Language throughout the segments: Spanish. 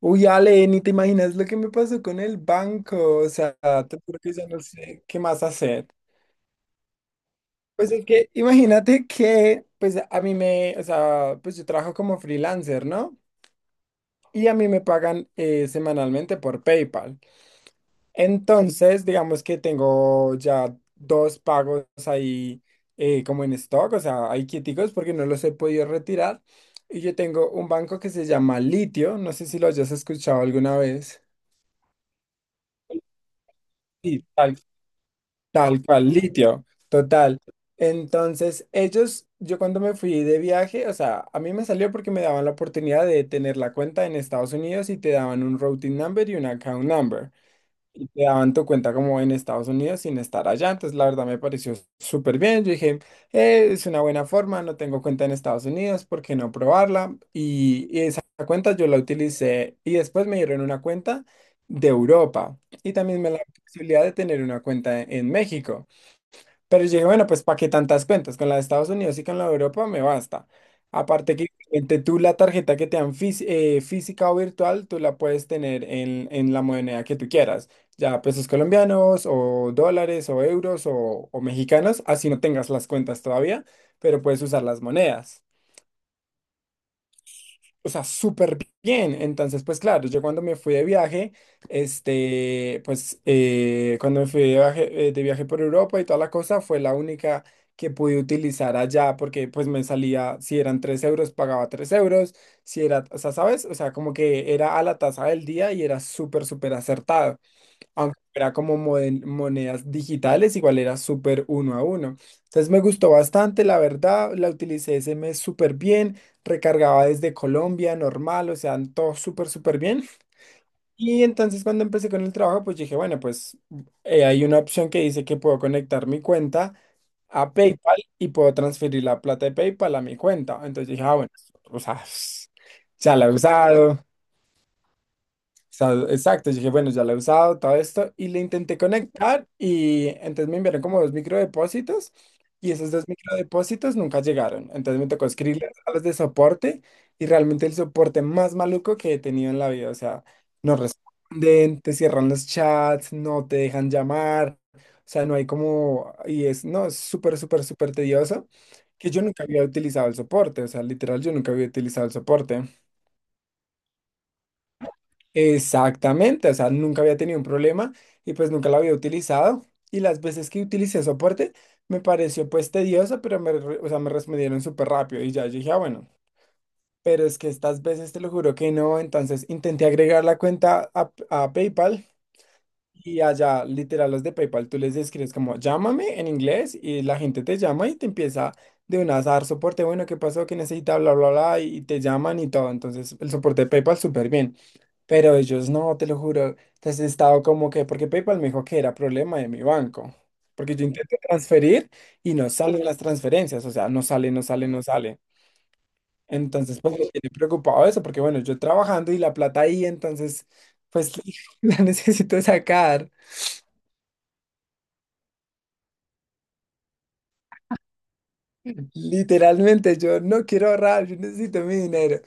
Uy, Ale, ni te imaginas lo que me pasó con el banco. O sea, te juro que ya no sé qué más hacer. Pues es que imagínate que, pues a mí me, o sea, pues yo trabajo como freelancer, ¿no? Y a mí me pagan semanalmente por PayPal. Entonces, digamos que tengo ya dos pagos ahí como en stock, o sea, hay quieticos porque no los he podido retirar. Y yo tengo un banco que se llama Litio, no sé si lo hayas escuchado alguna vez. Sí, tal cual, litio, total. Entonces, ellos, yo cuando me fui de viaje, o sea, a mí me salió porque me daban la oportunidad de tener la cuenta en Estados Unidos y te daban un routing number y un account number y te daban tu cuenta como en Estados Unidos sin estar allá. Entonces, la verdad me pareció súper bien. Yo dije, es una buena forma, no tengo cuenta en Estados Unidos, ¿por qué no probarla? Y esa cuenta yo la utilicé y después me dieron una cuenta de Europa y también me la posibilidad de tener una cuenta en México. Pero yo dije, bueno, pues ¿para qué tantas cuentas? Con la de Estados Unidos y con la de Europa me basta. Aparte que obviamente, tú la tarjeta que te dan física o virtual, tú la puedes tener en la moneda que tú quieras, ya pesos colombianos o dólares o euros o mexicanos, así no tengas las cuentas todavía, pero puedes usar las monedas. O sea, súper bien. Entonces, pues claro, yo cuando me fui de viaje, cuando me fui de viaje por Europa y toda la cosa, fue la única que pude utilizar allá porque pues me salía, si eran 3 euros, pagaba 3 euros, si era, o sea, ¿sabes? O sea, como que era a la tasa del día y era súper, súper acertado aunque era como monedas digitales, igual era súper uno a uno. Entonces me gustó bastante, la verdad, la utilicé ese mes súper bien, recargaba desde Colombia, normal, o sea, todo súper, súper bien. Y entonces cuando empecé con el trabajo, pues dije, bueno, pues hay una opción que dice que puedo conectar mi cuenta a PayPal y puedo transferir la plata de PayPal a mi cuenta. Entonces dije, ah, bueno, o sea, ya la he usado, sea, exacto, yo dije, bueno, ya la he usado, todo esto, y le intenté conectar y entonces me enviaron como dos microdepósitos y esos dos microdepósitos nunca llegaron. Entonces me tocó escribirles a los de soporte y realmente el soporte más maluco que he tenido en la vida, o sea, no responden, te cierran los chats, no te dejan llamar, o sea, no hay como, y es, no, es súper, súper, súper tedioso, que yo nunca había utilizado el soporte, o sea, literal, yo nunca había utilizado el soporte. Exactamente, o sea, nunca había tenido un problema y pues nunca lo había utilizado. Y las veces que utilicé soporte me pareció pues tedioso, pero me, re- o sea, me respondieron súper rápido y ya dije, ah, bueno, pero es que estas veces te lo juro que no, entonces intenté agregar la cuenta a PayPal y allá, literal, los de PayPal, tú les escribes como llámame en inglés y la gente te llama y te empieza de una a dar soporte. Bueno, ¿qué pasó? ¿Qué necesita? Bla, bla, bla. Y te llaman y todo. Entonces, el soporte de PayPal súper bien. Pero ellos no, te lo juro. Entonces he estado como que, porque PayPal me dijo que era problema de mi banco. Porque yo intenté transferir y no salen las transferencias. O sea, no sale, no sale, no sale. Entonces, pues me tiene preocupado eso, porque bueno, yo trabajando y la plata ahí, entonces, pues la necesito sacar. Literalmente, yo no quiero ahorrar, yo necesito mi dinero.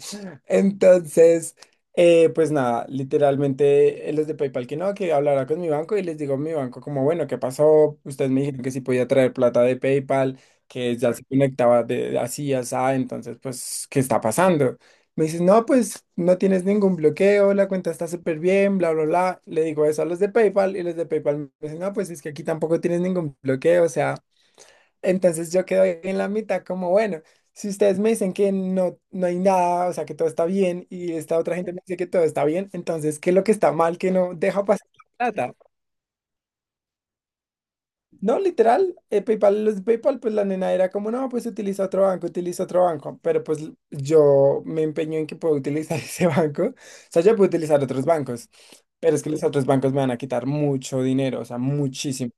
Entonces, pues nada, literalmente los de PayPal que no, que hablará con mi banco y les digo a mi banco como, bueno, ¿qué pasó? Ustedes me dijeron que sí podía traer plata de PayPal, que ya se conectaba de así, así, entonces, pues, ¿qué está pasando? Me dices, no, pues no tienes ningún bloqueo, la cuenta está súper bien, bla, bla, bla. Le digo eso a los de PayPal y los de PayPal me dicen, no, pues es que aquí tampoco tienes ningún bloqueo, o sea. Entonces yo quedo ahí en la mitad como, bueno, si ustedes me dicen que no, no hay nada, o sea, que todo está bien, y esta otra gente me dice que todo está bien, entonces, ¿qué es lo que está mal que no deja pasar la plata? No, literal, PayPal, los de PayPal, pues la nena era como, no, pues utiliza otro banco, pero pues yo me empeño en que puedo utilizar ese banco, o sea, yo puedo utilizar otros bancos, pero es que los otros bancos me van a quitar mucho dinero, o sea, muchísimo.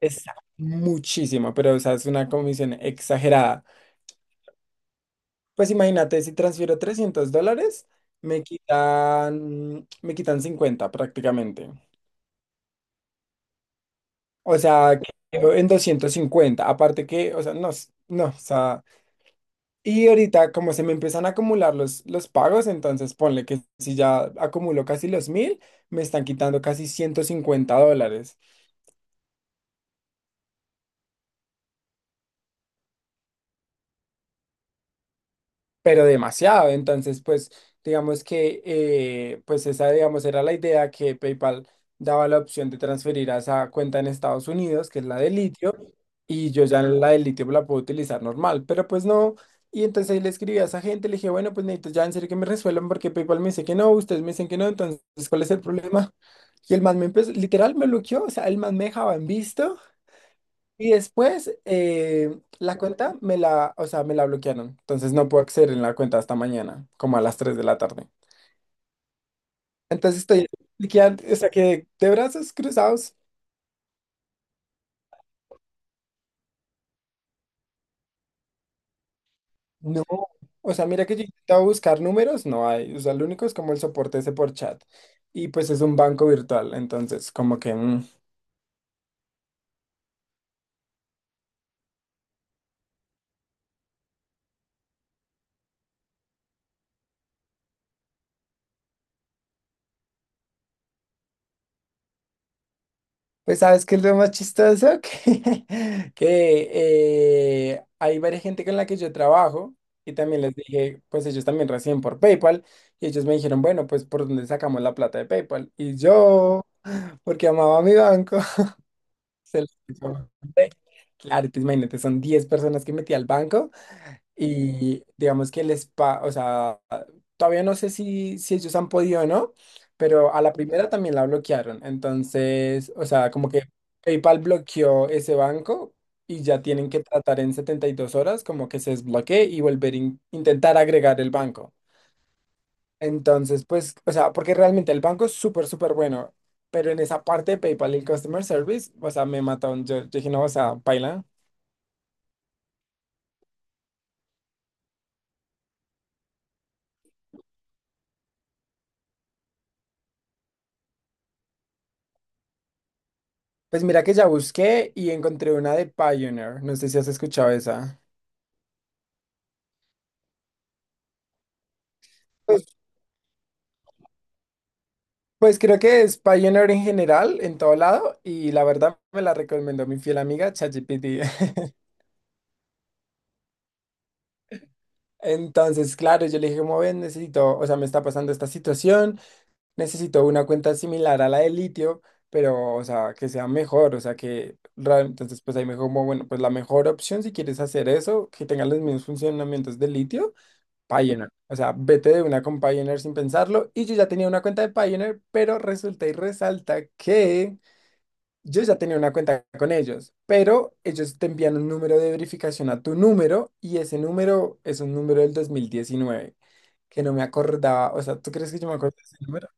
Es muchísimo, pero o sea, es una comisión exagerada. Pues imagínate, si transfiero $300, me quitan 50 prácticamente. O sea, quedo en 250. Aparte que, o sea, no, no, o sea, y ahorita como se me empiezan a acumular los pagos, entonces ponle que si ya acumulo casi los mil, me están quitando casi $150. Pero demasiado. Entonces, pues, digamos que, pues esa, digamos, era la idea que PayPal daba la opción de transferir a esa cuenta en Estados Unidos, que es la de litio, y yo ya la de litio la puedo utilizar normal, pero pues no. Y entonces ahí le escribí a esa gente, le dije, bueno, pues necesito ya en serio que me resuelvan porque PayPal me dice que no, ustedes me dicen que no, entonces, ¿cuál es el problema? Y el man me empezó, literal, me bloqueó, o sea, el man me dejaba en visto y después la cuenta me la, o sea, me la bloquearon. Entonces no puedo acceder en la cuenta hasta mañana, como a las 3 de la tarde. Entonces estoy bloqueando, o sea, que de brazos cruzados, no. O sea, mira que yo intentaba buscar números, no hay. O sea, lo único es como el soporte ese por chat. Y pues es un banco virtual, entonces como que... pues sabes que es lo más chistoso que, que hay varias gente con la que yo trabajo y también les dije, pues ellos también reciben por PayPal y ellos me dijeron, bueno, pues por dónde sacamos la plata de PayPal. Y yo, porque amaba a mi banco, se lo dije. Claro, entonces imagínate, son 10 personas que metí al banco y digamos que el spa, o sea, todavía no sé si ellos han podido o no, pero a la primera también la bloquearon. Entonces, o sea, como que PayPal bloqueó ese banco y ya tienen que tratar en 72 horas como que se desbloquee y volver a intentar agregar el banco. Entonces, pues, o sea, porque realmente el banco es súper, súper bueno, pero en esa parte de PayPal y el Customer Service, o sea, me mataron. Yo dije, no, o sea, paila. Pues mira que ya busqué y encontré una de Pioneer. No sé si has escuchado esa. Pues, pues creo que es Pioneer en general, en todo lado, y la verdad me la recomendó mi fiel amiga ChatGPT. Entonces, claro, yo le dije, como ven, necesito, o sea, me está pasando esta situación, necesito una cuenta similar a la de litio, pero, o sea, que sea mejor, o sea, que, entonces, pues ahí me dijo, como, bueno, pues la mejor opción si quieres hacer eso, que tenga los mismos funcionamientos de litio Pioneer. O sea, vete de una con Pioneer sin pensarlo. Y yo ya tenía una cuenta de Pioneer, pero resulta y resalta que yo ya tenía una cuenta con ellos. Pero ellos te envían un número de verificación a tu número y ese número es un número del 2019, que no me acordaba. O sea, ¿tú crees que yo me acuerdo de ese número?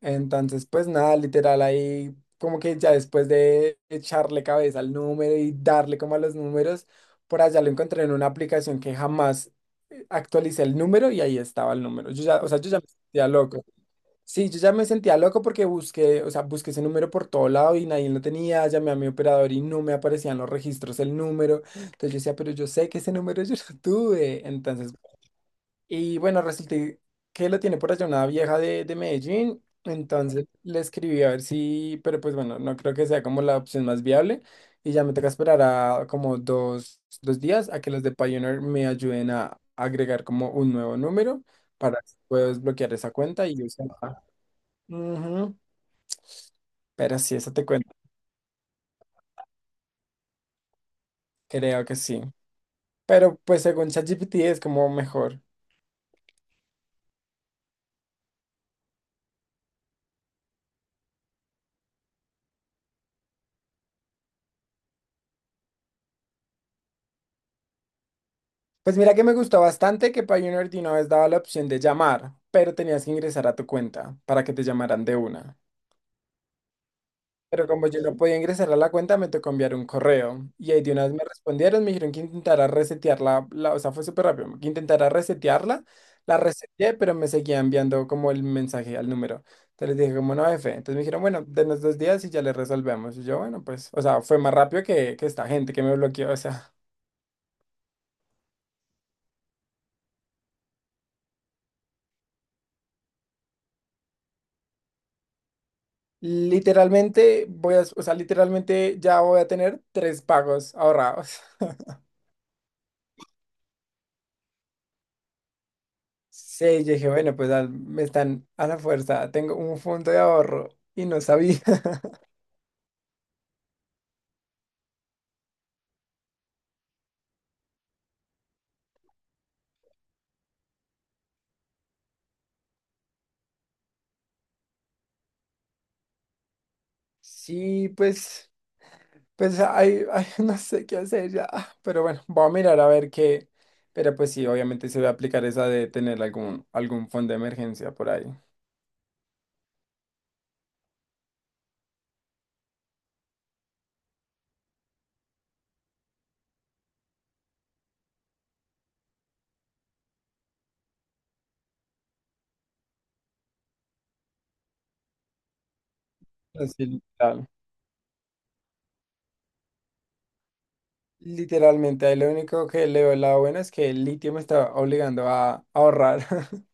Entonces, pues nada, literal, ahí como que ya después de echarle cabeza al número y darle como a los números, por allá lo encontré en una aplicación que jamás actualicé el número y ahí estaba el número. Yo ya, o sea, yo ya me sentía loco. Sí, yo ya me sentía loco porque busqué, o sea, busqué ese número por todo lado y nadie lo tenía, llamé a mi operador y no me aparecían los registros el número. Entonces yo decía, pero yo sé que ese número yo lo tuve. Entonces, y bueno, resulta que la tiene por allá una vieja de Medellín. Entonces le escribí a ver si, pero pues bueno, no creo que sea como la opción más viable. Y ya me toca esperar a como dos, dos días a que los de Pioneer me ayuden a agregar como un nuevo número para poder desbloquear esa cuenta y usarla. Ujú, pero sí, eso te cuento. Creo que sí. Pero pues según ChatGPT es como mejor. Pues mira que me gustó bastante que Pioneer de una vez daba la opción de llamar, pero tenías que ingresar a tu cuenta para que te llamaran de una. Pero como yo no podía ingresar a la cuenta, me tocó enviar un correo. Y ahí de una vez me respondieron, me dijeron que intentara resetearla, la, o sea, fue súper rápido, que intentara resetearla. La reseteé, pero me seguía enviando como el mensaje al número. Entonces les dije, como no, F. Entonces me dijeron, bueno, denos dos días y ya le resolvemos. Y yo, bueno, pues, o sea, fue más rápido que esta gente que me bloqueó, o sea. Literalmente voy a, o sea, literalmente ya voy a tener tres pagos ahorrados. Sí, yo dije, bueno, pues me están a la fuerza, tengo un fondo de ahorro y no sabía. Sí, pues, pues ay, ay, no sé qué hacer ya, pero bueno, voy a mirar a ver qué. Pero pues sí, obviamente se va a aplicar esa de tener algún, algún fondo de emergencia por ahí. Así, literal. Literalmente, ahí lo único que le veo el lado bueno es que el litio me está obligando a ahorrar.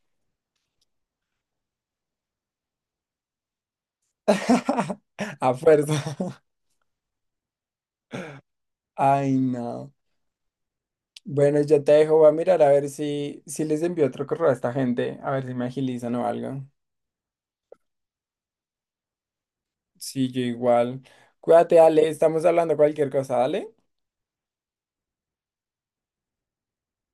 A fuerza. Ay, no. Bueno, yo te dejo. Voy a mirar a ver si, si les envío otro correo a esta gente, a ver si me agilizan o algo. Sí, yo igual. Cuídate, Ale. Estamos hablando cualquier cosa, dale.